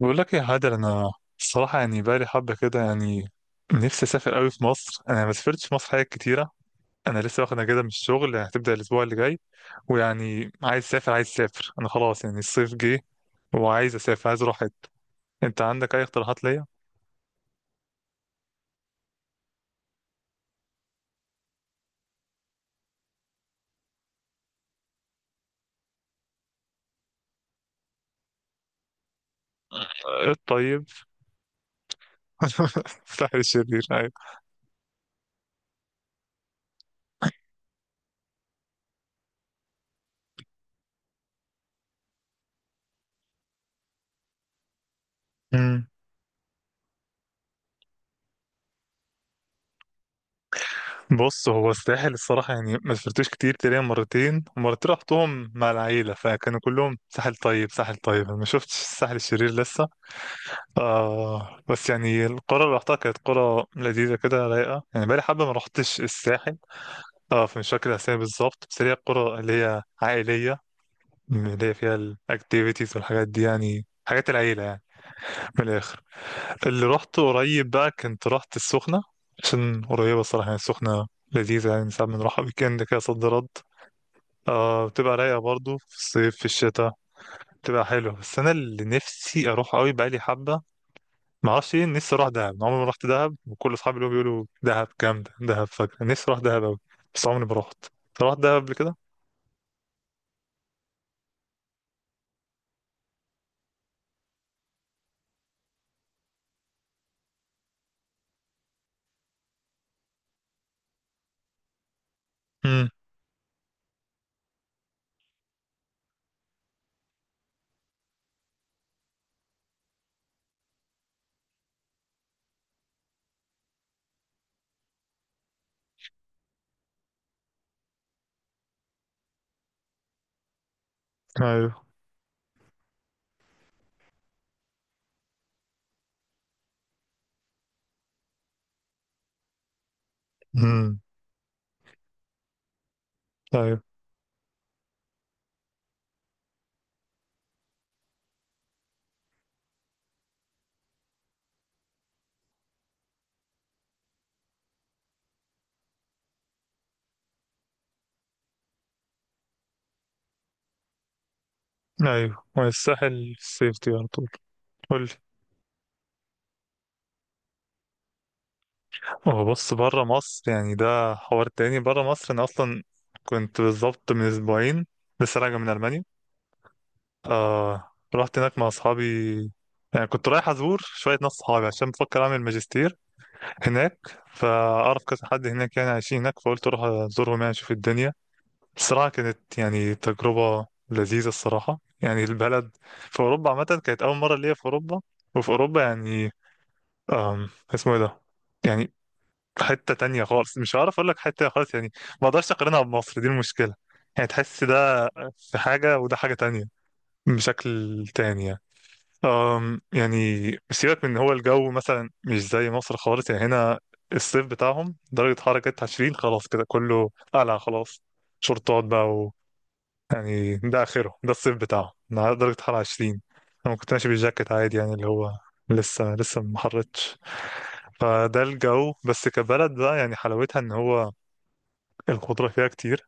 بقول لك يا هادر، انا الصراحه يعني بقالي حبه كده، يعني نفسي اسافر قوي في مصر. انا ما سافرتش في مصر حاجات كتيره. انا لسه واخد اجازه من الشغل، يعني هتبدا الاسبوع اللي جاي. ويعني عايز اسافر انا خلاص، يعني الصيف جه وعايز اسافر، عايز اروح حته. انت عندك اي اقتراحات ليا؟ آه، طيب. الساحل الشرير، أيوة. أمم. بص، هو الساحل الصراحه يعني ما سافرتوش كتير، تقريبا مرتين ومرتين رحتهم مع العيله فكانوا كلهم ساحل طيب، ساحل طيب. أنا ما شفتش الساحل الشرير لسه. آه، بس يعني القرى اللي رحتها كانت قرى لذيذة كده، رايقة. يعني بقالي حبة ما رحتش الساحل. اه، فمش فاكر الأسامي بالظبط، بس هي القرى اللي هي عائلية، اللي هي فيها الأكتيفيتيز والحاجات دي، يعني حاجات العيلة يعني. من الآخر، اللي رحت قريب بقى كنت رحت السخنة عشان قريبة. الصراحة يعني السخنة لذيذة، يعني ساعات بنروحها ويكند كده صد رد. آه، بتبقى رايقة برضو في الصيف، في الشتاء بتبقى حلوة. بس أنا اللي نفسي أروح أوي بقالي حبة، ما اعرفش ايه، نفسي اروح دهب. عمري ما رحت دهب، وكل اصحابي اللي بيقولوا دهب جامده، دهب فجر. نفسي اروح دهب قوي بس عمري ما رحت. أنت رحت دهب قبل كده؟ امم. ايوه. امم. ايوه. ايوه، والساحل سيفتي على طول. قول لي. هو بص، بره مصر يعني ده حوار تاني. بره مصر انا اصلا كنت بالظبط من اسبوعين لسه راجع من المانيا. آه، رحت هناك مع اصحابي. يعني كنت رايح ازور شويه ناس صحابي عشان بفكر اعمل ماجستير هناك، فأعرف كذا حد هناك يعني عايشين هناك، فقلت أروح أزورهم يعني أشوف الدنيا. الصراحة كانت يعني تجربة لذيذة الصراحة. يعني البلد في أوروبا عامة، كانت أول مرة ليا في أوروبا. وفي أوروبا يعني، اسمه إيه ده، يعني حتة تانية خالص. مش هعرف أقول لك، حتة خالص يعني. ما أقدرش أقارنها بمصر، دي المشكلة. يعني تحس ده في حاجة وده حاجة تانية، بشكل تاني يعني. يعني سيبك من إن هو الجو مثلا مش زي مصر خالص، يعني هنا الصيف بتاعهم درجة حرارة كانت 20، خلاص كده كله قلع، خلاص شورتات بقى و... يعني ده آخره، ده الصيف بتاعهم إنها درجة حرارة 20. أنا كنت ماشي بالجاكيت عادي، يعني اللي هو لسه لسه ما حرتش. فده الجو، بس كبلد بقى يعني حلاوتها إن هو الخضرة فيها كتير.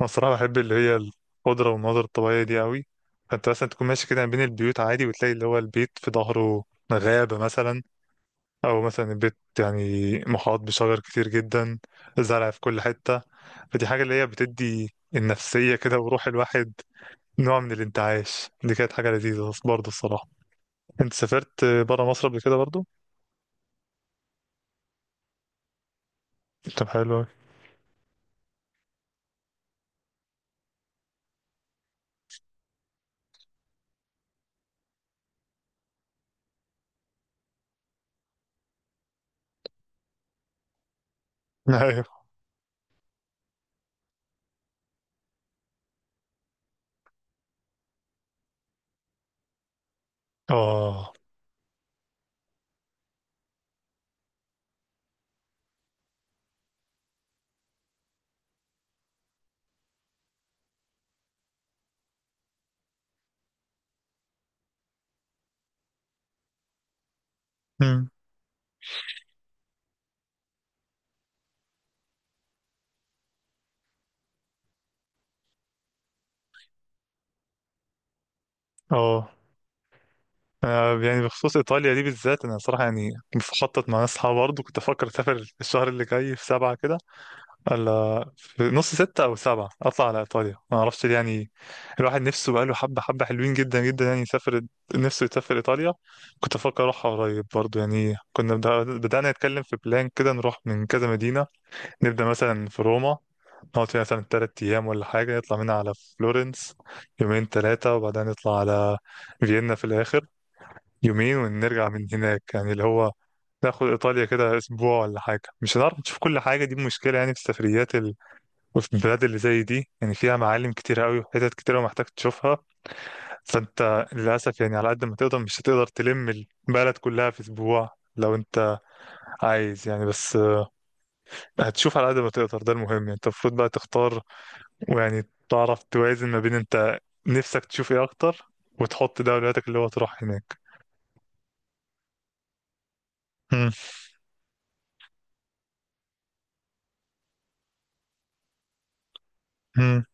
انا الصراحه بحب اللي هي الخضره والمناظر الطبيعيه دي قوي. فانت مثلا تكون ماشي كده ما بين البيوت عادي وتلاقي اللي هو البيت في ظهره غابه مثلا. او مثلا البيت يعني محاط بشجر كتير جدا، زرع في كل حته. فدي حاجه اللي هي بتدي النفسيه كده وروح الواحد نوع من الانتعاش. دي كانت حاجه لذيذه برضه الصراحه. انت سافرت بره مصر قبل كده برضه؟ طب، حلو أوي. ايوه. اه. أمم. اه. آه، يعني بخصوص إيطاليا دي بالذات، أنا صراحة يعني بخطط مع ناس صحابي برضه. كنت أفكر أسافر الشهر اللي جاي في سبعة كده، ولا في نص ستة أو سبعة أطلع على إيطاليا. ما أعرفش ليه، يعني الواحد نفسه بقاله حبة، حبة حلوين جدا جدا يعني يسافر، نفسه يسافر إيطاليا. كنت أفكر أروحها قريب برضه. يعني كنا بدأنا نتكلم في بلان كده، نروح من كذا مدينة. نبدأ مثلا في روما، نقعد فيها مثلا تلات أيام ولا حاجة، نطلع منها على فلورنس يومين تلاتة، وبعدين نطلع على فيينا في الآخر يومين، ونرجع من هناك. يعني اللي هو ناخد إيطاليا كده أسبوع ولا حاجة. مش هنعرف نشوف كل حاجة، دي مشكلة يعني في السفريات ال... وفي البلاد اللي زي دي يعني فيها معالم كتيرة قوي وحتت كتيرة ومحتاج تشوفها. فأنت للأسف يعني على قد ما تقدر، مش هتقدر تلم البلد كلها في أسبوع. لو أنت عايز يعني، بس آه، هتشوف على قد ما تقدر، ده المهم. يعني أنت المفروض بقى تختار، ويعني تعرف توازن ما بين أنت نفسك تشوف إيه أكتر، وتحط ده أولوياتك اللي هو تروح هناك. مم. مم.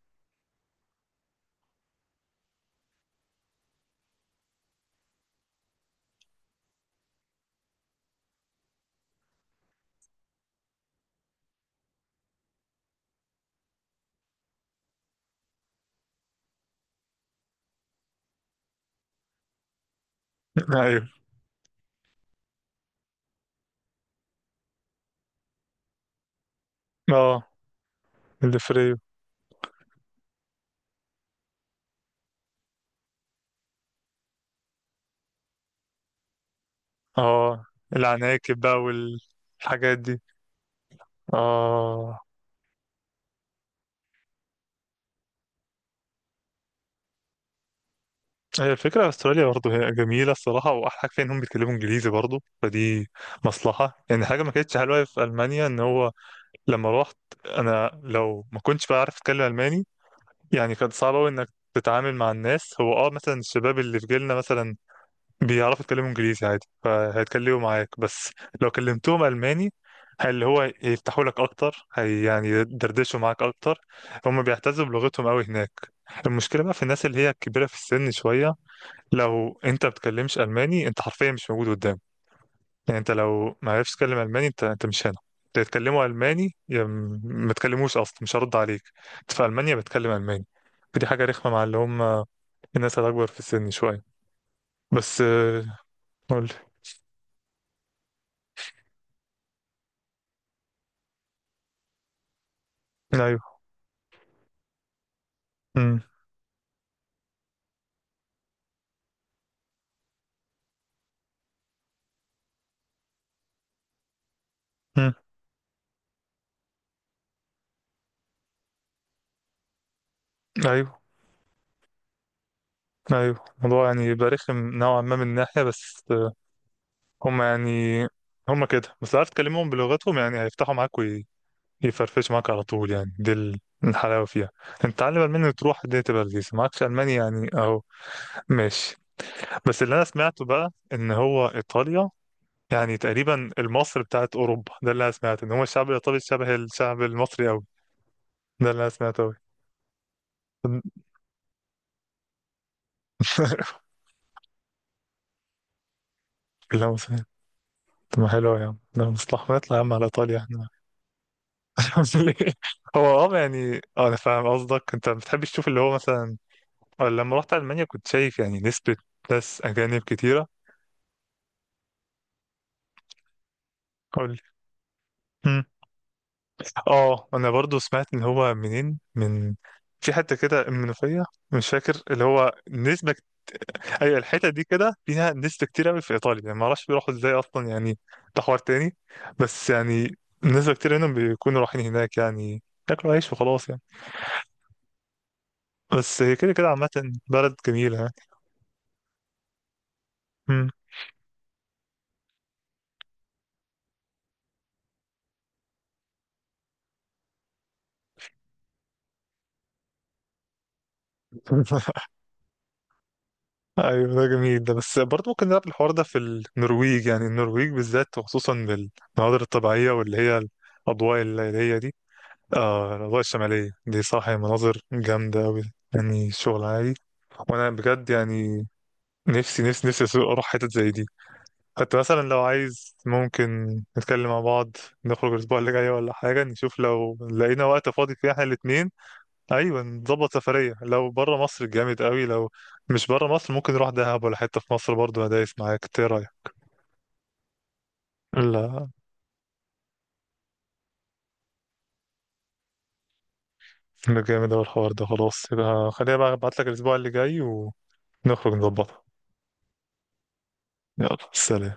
أيوه. أه. الفري. اه. العناكب بقى والحاجات دي. اه، هي الفكرة استراليا برضه هي جميلة الصراحة، وأحلى حاجة فيها إنهم بيتكلموا إنجليزي برضه، فدي مصلحة. يعني حاجة ما كانتش حلوة في ألمانيا إن هو لما روحت، أنا لو ما كنتش بقى عارف أتكلم ألماني، يعني كان صعب أوي إنك تتعامل مع الناس. هو اه مثلا الشباب اللي في جيلنا مثلا بيعرفوا يتكلموا انجليزي عادي، فهيتكلموا معاك. بس لو كلمتهم الماني، اللي هو يفتحوا لك اكتر، هي يعني يدردشوا معاك اكتر. هم بيعتزوا بلغتهم قوي هناك. المشكله بقى في الناس اللي هي كبيره في السن شويه، لو انت بتكلمش الماني انت حرفيا مش موجود قدام. يعني انت لو ما عرفتش تتكلم الماني انت مش هنا. تتكلموا الماني، ما تكلموش اصلا مش هرد عليك. انت في المانيا بتكلم الماني. فدي حاجه رخمه مع اللي هم الناس اللي اكبر في السن شويه. بس آه، قول. امم. امم. ايوه. ايوه، الموضوع يعني يبقى رخم نوعا ما من ناحيه. بس آه، هم يعني هم كده. بس عارف، تكلمهم بلغتهم يعني هيفتحوا معاك ويفرفش معاك على طول. يعني دي الحلاوه فيها. انت تعلم الماني وتروح دي تبقى لذيذه. معكش الماني يعني اهو، ماشي. بس اللي انا سمعته بقى ان هو ايطاليا يعني تقريبا المصر بتاعت اوروبا. ده اللي انا سمعته، ان هو الشعب الايطالي شبه الشعب المصري قوي. ده اللي انا سمعته قوي. لا، مصري. طب ما حلو يا عم، ده مصلحة، ما نطلع يا عم على ايطاليا. ليه؟ هو اه يعني اه انا فاهم قصدك، انت ما بتحبش تشوف اللي هو مثلا. آه، لما رحت المانيا كنت شايف يعني نسبة ناس اجانب كتيرة. قول لي. مم. اه، انا برضو سمعت ان هو منين، من في حتة كده المنوفية. مش فاكر اللي هو نسبة. ايوه، الحتة دي كده فيها نسبة كتير قوي في ايطاليا. يعني ما اعرفش بيروحوا ازاي اصلا، يعني ده حوار تاني. بس يعني نسبة كتير منهم بيكونوا رايحين هناك يعني ياكلوا عيش وخلاص يعني. بس هي كده كده عامة بلد جميلة يعني. مم. ايوه، ده جميل. ده بس برضه ممكن نلعب الحوار ده في النرويج. يعني النرويج بالذات، وخصوصا المناظر الطبيعيه واللي هي الاضواء الليليه دي. آه، الاضواء الشماليه دي، صح. هي مناظر جامده قوي، يعني شغل عالي. وانا بجد يعني نفسي نفسي نفسي اروح حتت زي دي. حتى مثلا لو عايز، ممكن نتكلم مع بعض. نخرج الاسبوع اللي جاي ولا حاجه، نشوف لو لقينا وقت فاضي فيه احنا الاثنين. ايوه، نظبط سفريه. لو بره مصر جامد قوي، لو مش بره مصر ممكن نروح دهب ولا حته في مصر برضه. ادايس معاك. إنت ايه رايك؟ لا، ده جامد اوي الحوار ده. خلاص يبقى خليها بقى، ابعت لك الاسبوع اللي جاي ونخرج نظبطها. يلا، سلام.